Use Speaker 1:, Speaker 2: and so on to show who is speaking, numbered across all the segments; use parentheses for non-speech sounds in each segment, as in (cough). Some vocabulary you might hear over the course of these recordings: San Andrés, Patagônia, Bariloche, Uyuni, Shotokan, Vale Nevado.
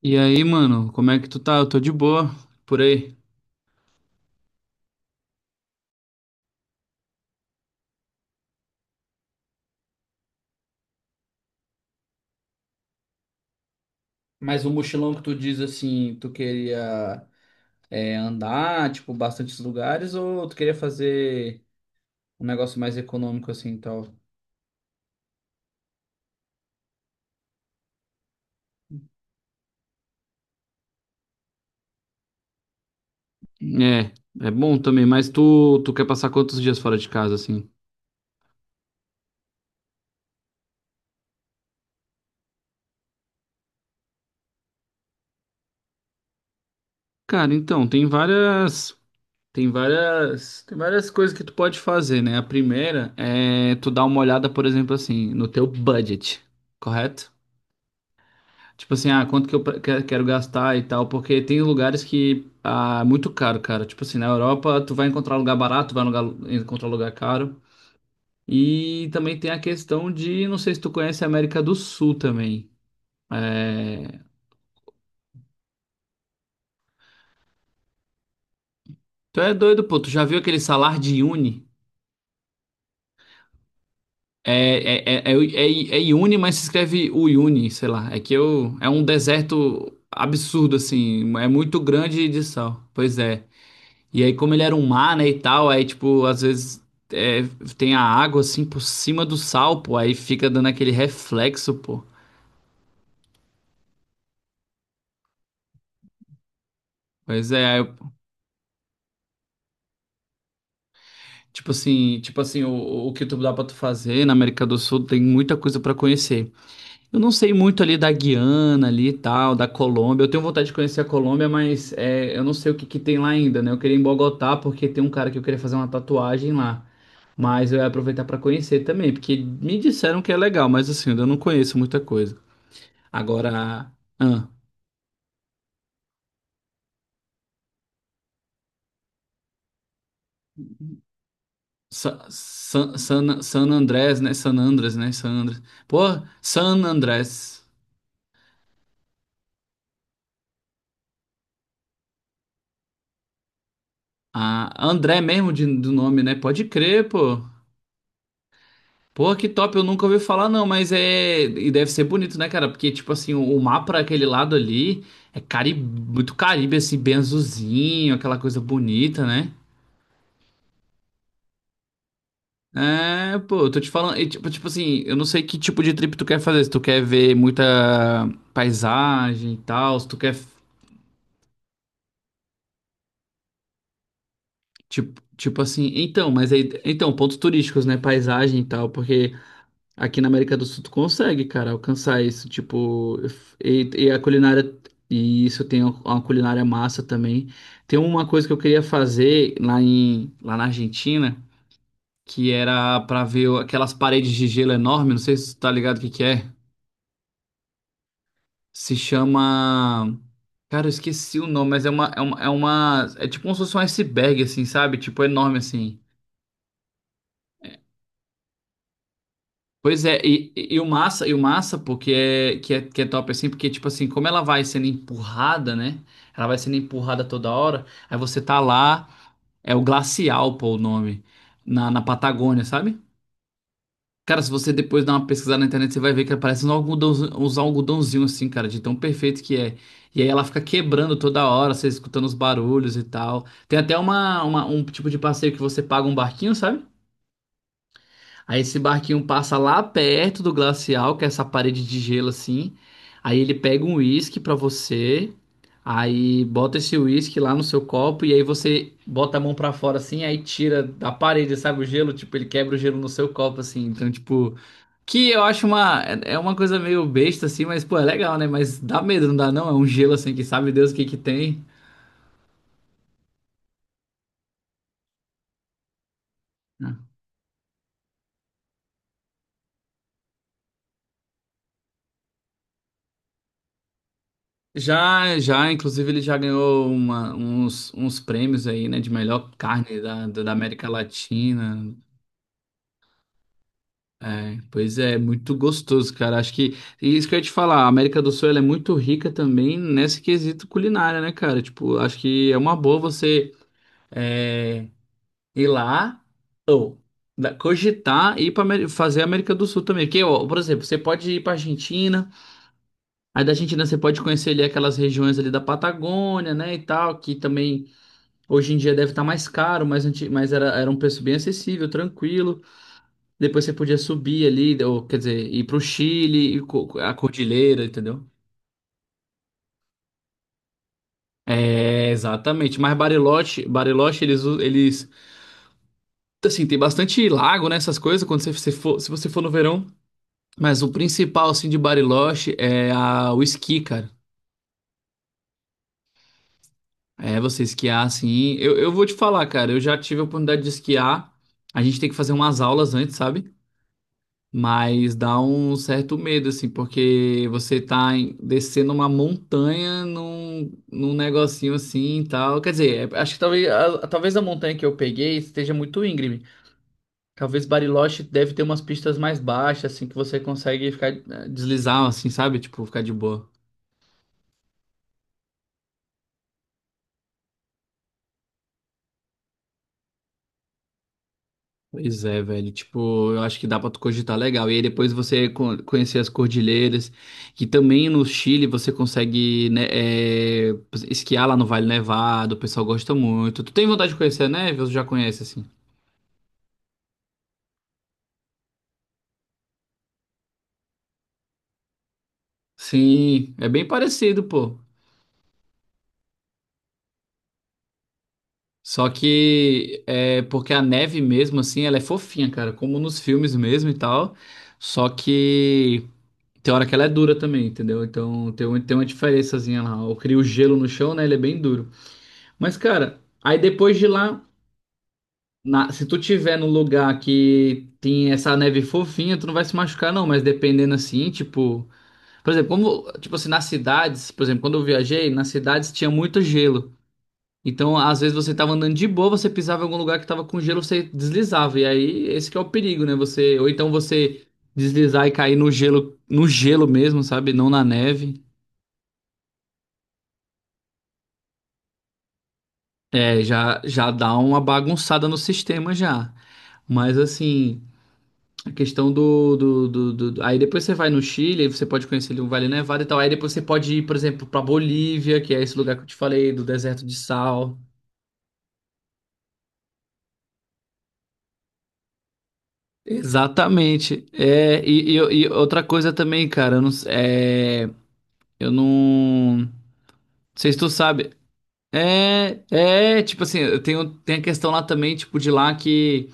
Speaker 1: E aí, mano, como é que tu tá? Eu tô de boa por aí. Mas o mochilão que tu diz assim, tu queria andar, tipo, bastantes lugares, ou tu queria fazer um negócio mais econômico assim e tal? É, é bom também, mas tu quer passar quantos dias fora de casa, assim? Cara, então, tem várias coisas que tu pode fazer, né? A primeira é tu dar uma olhada, por exemplo, assim, no teu budget, correto? Tipo assim, ah, quanto que eu pre- que- quero gastar e tal, porque tem lugares que ah, é muito caro, cara. Tipo assim, na Europa tu vai encontrar lugar barato, encontrar lugar caro. E também tem a questão de, não sei se tu conhece a América do Sul também. É... Tu é doido, pô, tu já viu aquele salar de Uni? É Iune, mas se escreve Uyuni, sei lá. É que eu, é um deserto absurdo, assim, é muito grande de sal. Pois é. E aí, como ele era um mar, né, e tal, aí, tipo, às vezes é, tem a água, assim, por cima do sal, pô, aí fica dando aquele reflexo, pô. Pois é, tipo assim, o que tu dá pra tu fazer na América do Sul tem muita coisa pra conhecer. Eu não sei muito ali da Guiana ali e tal, da Colômbia. Eu tenho vontade de conhecer a Colômbia, mas é, eu não sei o que que tem lá ainda, né? Eu queria ir em Bogotá porque tem um cara que eu queria fazer uma tatuagem lá. Mas eu ia aproveitar pra conhecer também, porque me disseram que é legal, mas assim, eu ainda não conheço muita coisa. Agora, ah, San Andrés, né? San Andrés. Pô, San Andrés. Ah, André mesmo do nome, né? Pode crer, pô. Pô, que top, eu nunca ouvi falar não, mas é... E deve ser bonito, né, cara? Porque, tipo assim, o mar pra aquele lado ali muito Caribe, assim, bem azulzinho, aquela coisa bonita, né? É, pô, eu tô te falando, e, tipo, tipo assim, eu não sei que tipo de trip tu quer fazer, se tu quer ver muita paisagem e tal, se tu quer. Tipo, tipo assim, então, mas aí, então, pontos turísticos, né? Paisagem e tal, porque aqui na América do Sul tu consegue, cara, alcançar isso, tipo, e a culinária, e isso tem uma culinária massa também. Tem uma coisa que eu queria fazer lá na Argentina, que era pra ver aquelas paredes de gelo enorme, não sei se tu tá ligado o que que é. Se chama. Cara, eu esqueci o nome, mas é tipo como se fosse um iceberg, assim, sabe? Tipo, enorme, assim. Pois é, e o massa, pô, que é top assim, porque, tipo assim, como ela vai sendo empurrada, né? Ela vai sendo empurrada toda hora, aí você tá lá, é o Glacial, pô, o nome, na Patagônia, sabe? Cara, se você depois dar uma pesquisada na internet, você vai ver que parece um algodão, uns algodãozinho assim, cara, de tão perfeito que é. E aí ela fica quebrando toda hora, você escutando os barulhos e tal. Tem até um tipo de passeio que você paga um barquinho, sabe? Aí esse barquinho passa lá perto do glacial, que é essa parede de gelo assim. Aí ele pega um uísque pra você. Aí bota esse uísque lá no seu copo e aí você bota a mão pra fora assim, aí tira da parede, sabe, o gelo, tipo, ele quebra o gelo no seu copo assim. Então, tipo, que eu acho uma é uma coisa meio besta assim, mas pô, é legal, né? Mas dá medo, não dá não? É um gelo assim que sabe Deus o que que tem. Já, já, inclusive ele já ganhou uns prêmios aí, né, de melhor carne da América Latina. É, pois é, muito gostoso, cara. Acho que e isso que eu ia te falar, a América do Sul ela é muito rica também nesse quesito culinária, né, cara? Tipo, acho que é uma boa você é, ir lá, cogitar e ir para fazer a América do Sul também. Porque, ó, por exemplo, você pode ir para Argentina, aí da Argentina você pode conhecer ali aquelas regiões ali da Patagônia, né, e tal, que também. Hoje em dia deve estar mais caro, mas, era, era um preço bem acessível, tranquilo. Depois você podia subir ali, ou, quer dizer, ir para o Chile, ir a cordilheira, entendeu? É, exatamente. Mas Bariloche, eles, assim, tem bastante lago, né, essas coisas, quando você, você for, se você for no verão. Mas o principal, assim, de Bariloche é a, o esqui, cara. É, você esquiar, assim. Eu vou te falar, cara, eu já tive a oportunidade de esquiar. A gente tem que fazer umas aulas antes, sabe? Mas dá um certo medo, assim, porque descendo uma montanha num negocinho assim e tal. Quer dizer, é- acho que talvez a montanha que eu peguei esteja muito íngreme. Talvez Bariloche deve ter umas pistas mais baixas, assim, que você consegue ficar deslizar, assim, sabe? Tipo, ficar de boa. Pois é, velho. Tipo, eu acho que dá pra tu cogitar legal. E aí depois você conhecer as cordilheiras, que também no Chile você consegue, né, esquiar lá no Vale Nevado, o pessoal gosta muito. Tu tem vontade de conhecer a neve ou tu já conhece, assim? Sim, é bem parecido, pô. Só que é porque a neve mesmo, assim, ela é fofinha, cara, como nos filmes mesmo e tal. Só que tem hora que ela é dura também, entendeu? Então tem uma diferençazinha lá. Eu crio gelo no chão, né? Ele é bem duro. Mas, cara, aí depois de lá, se tu tiver num lugar que tem essa neve fofinha, tu não vai se machucar, não. Mas dependendo assim, tipo. Por exemplo, como, tipo assim, nas cidades, por exemplo, quando eu viajei, nas cidades tinha muito gelo. Então, às vezes você tava andando de boa, você pisava em algum lugar que tava com gelo, você deslizava. E aí, esse que é o perigo, né? Você, ou então você deslizar e cair no gelo, no gelo mesmo, sabe? Não na neve. É, já, já dá uma bagunçada no sistema já. Mas assim. A questão Aí depois você vai no Chile, aí você pode conhecer ali um Vale Nevado e tal. Aí depois você pode ir, por exemplo, pra Bolívia, que é esse lugar que eu te falei, do deserto de sal. Exatamente. É, e outra coisa também, cara, eu não sei se tu sabe. É, é, tipo assim, eu tenho, tem a questão lá também, tipo, de lá que,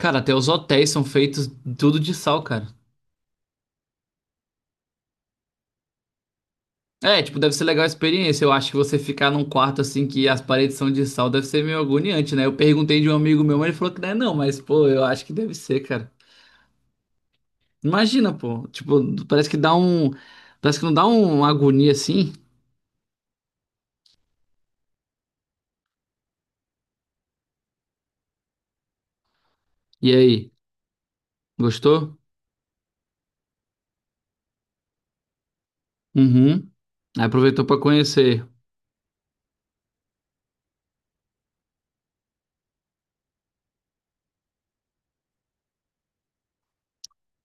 Speaker 1: cara, até os hotéis são feitos tudo de sal, cara. É, tipo, deve ser legal a experiência. Eu acho que você ficar num quarto assim que as paredes são de sal deve ser meio agoniante, né? Eu perguntei de um amigo meu, mas ele falou que não é não, mas pô, eu acho que deve ser, cara. Imagina, pô. Tipo, parece que dá um. Parece que não dá uma agonia assim. E aí, gostou? Uhum. Aí aproveitou pra conhecer.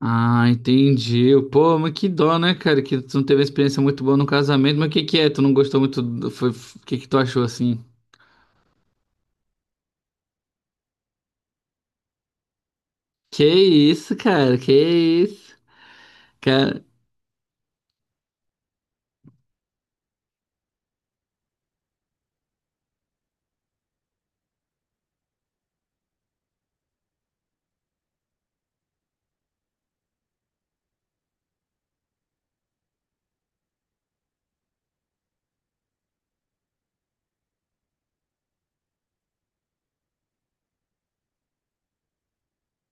Speaker 1: Ah, entendi. Pô, mas que dó, né, cara? Que tu não teve uma experiência muito boa no casamento. Mas o que que é? Tu não gostou muito? Foi... O que que tu achou assim? Que isso, cara? Que isso? Cara.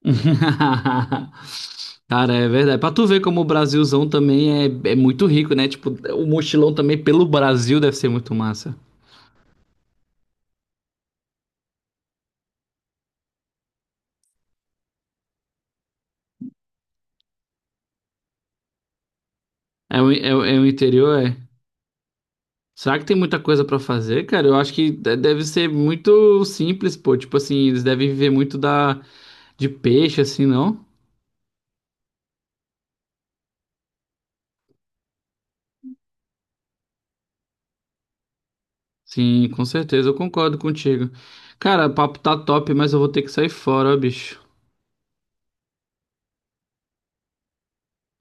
Speaker 1: (laughs) Cara, é verdade. Pra tu ver como o Brasilzão também é, é muito rico, né? Tipo, o mochilão também pelo Brasil deve ser muito massa. É o interior, é. Será que tem muita coisa pra fazer, cara? Eu acho que deve ser muito simples, pô. Tipo assim, eles devem viver muito da de peixe, assim, não? Sim, com certeza, eu concordo contigo. Cara, o papo tá top, mas eu vou ter que sair fora, ó, bicho.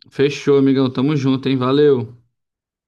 Speaker 1: Fechou, amigão. Tamo junto, hein? Valeu.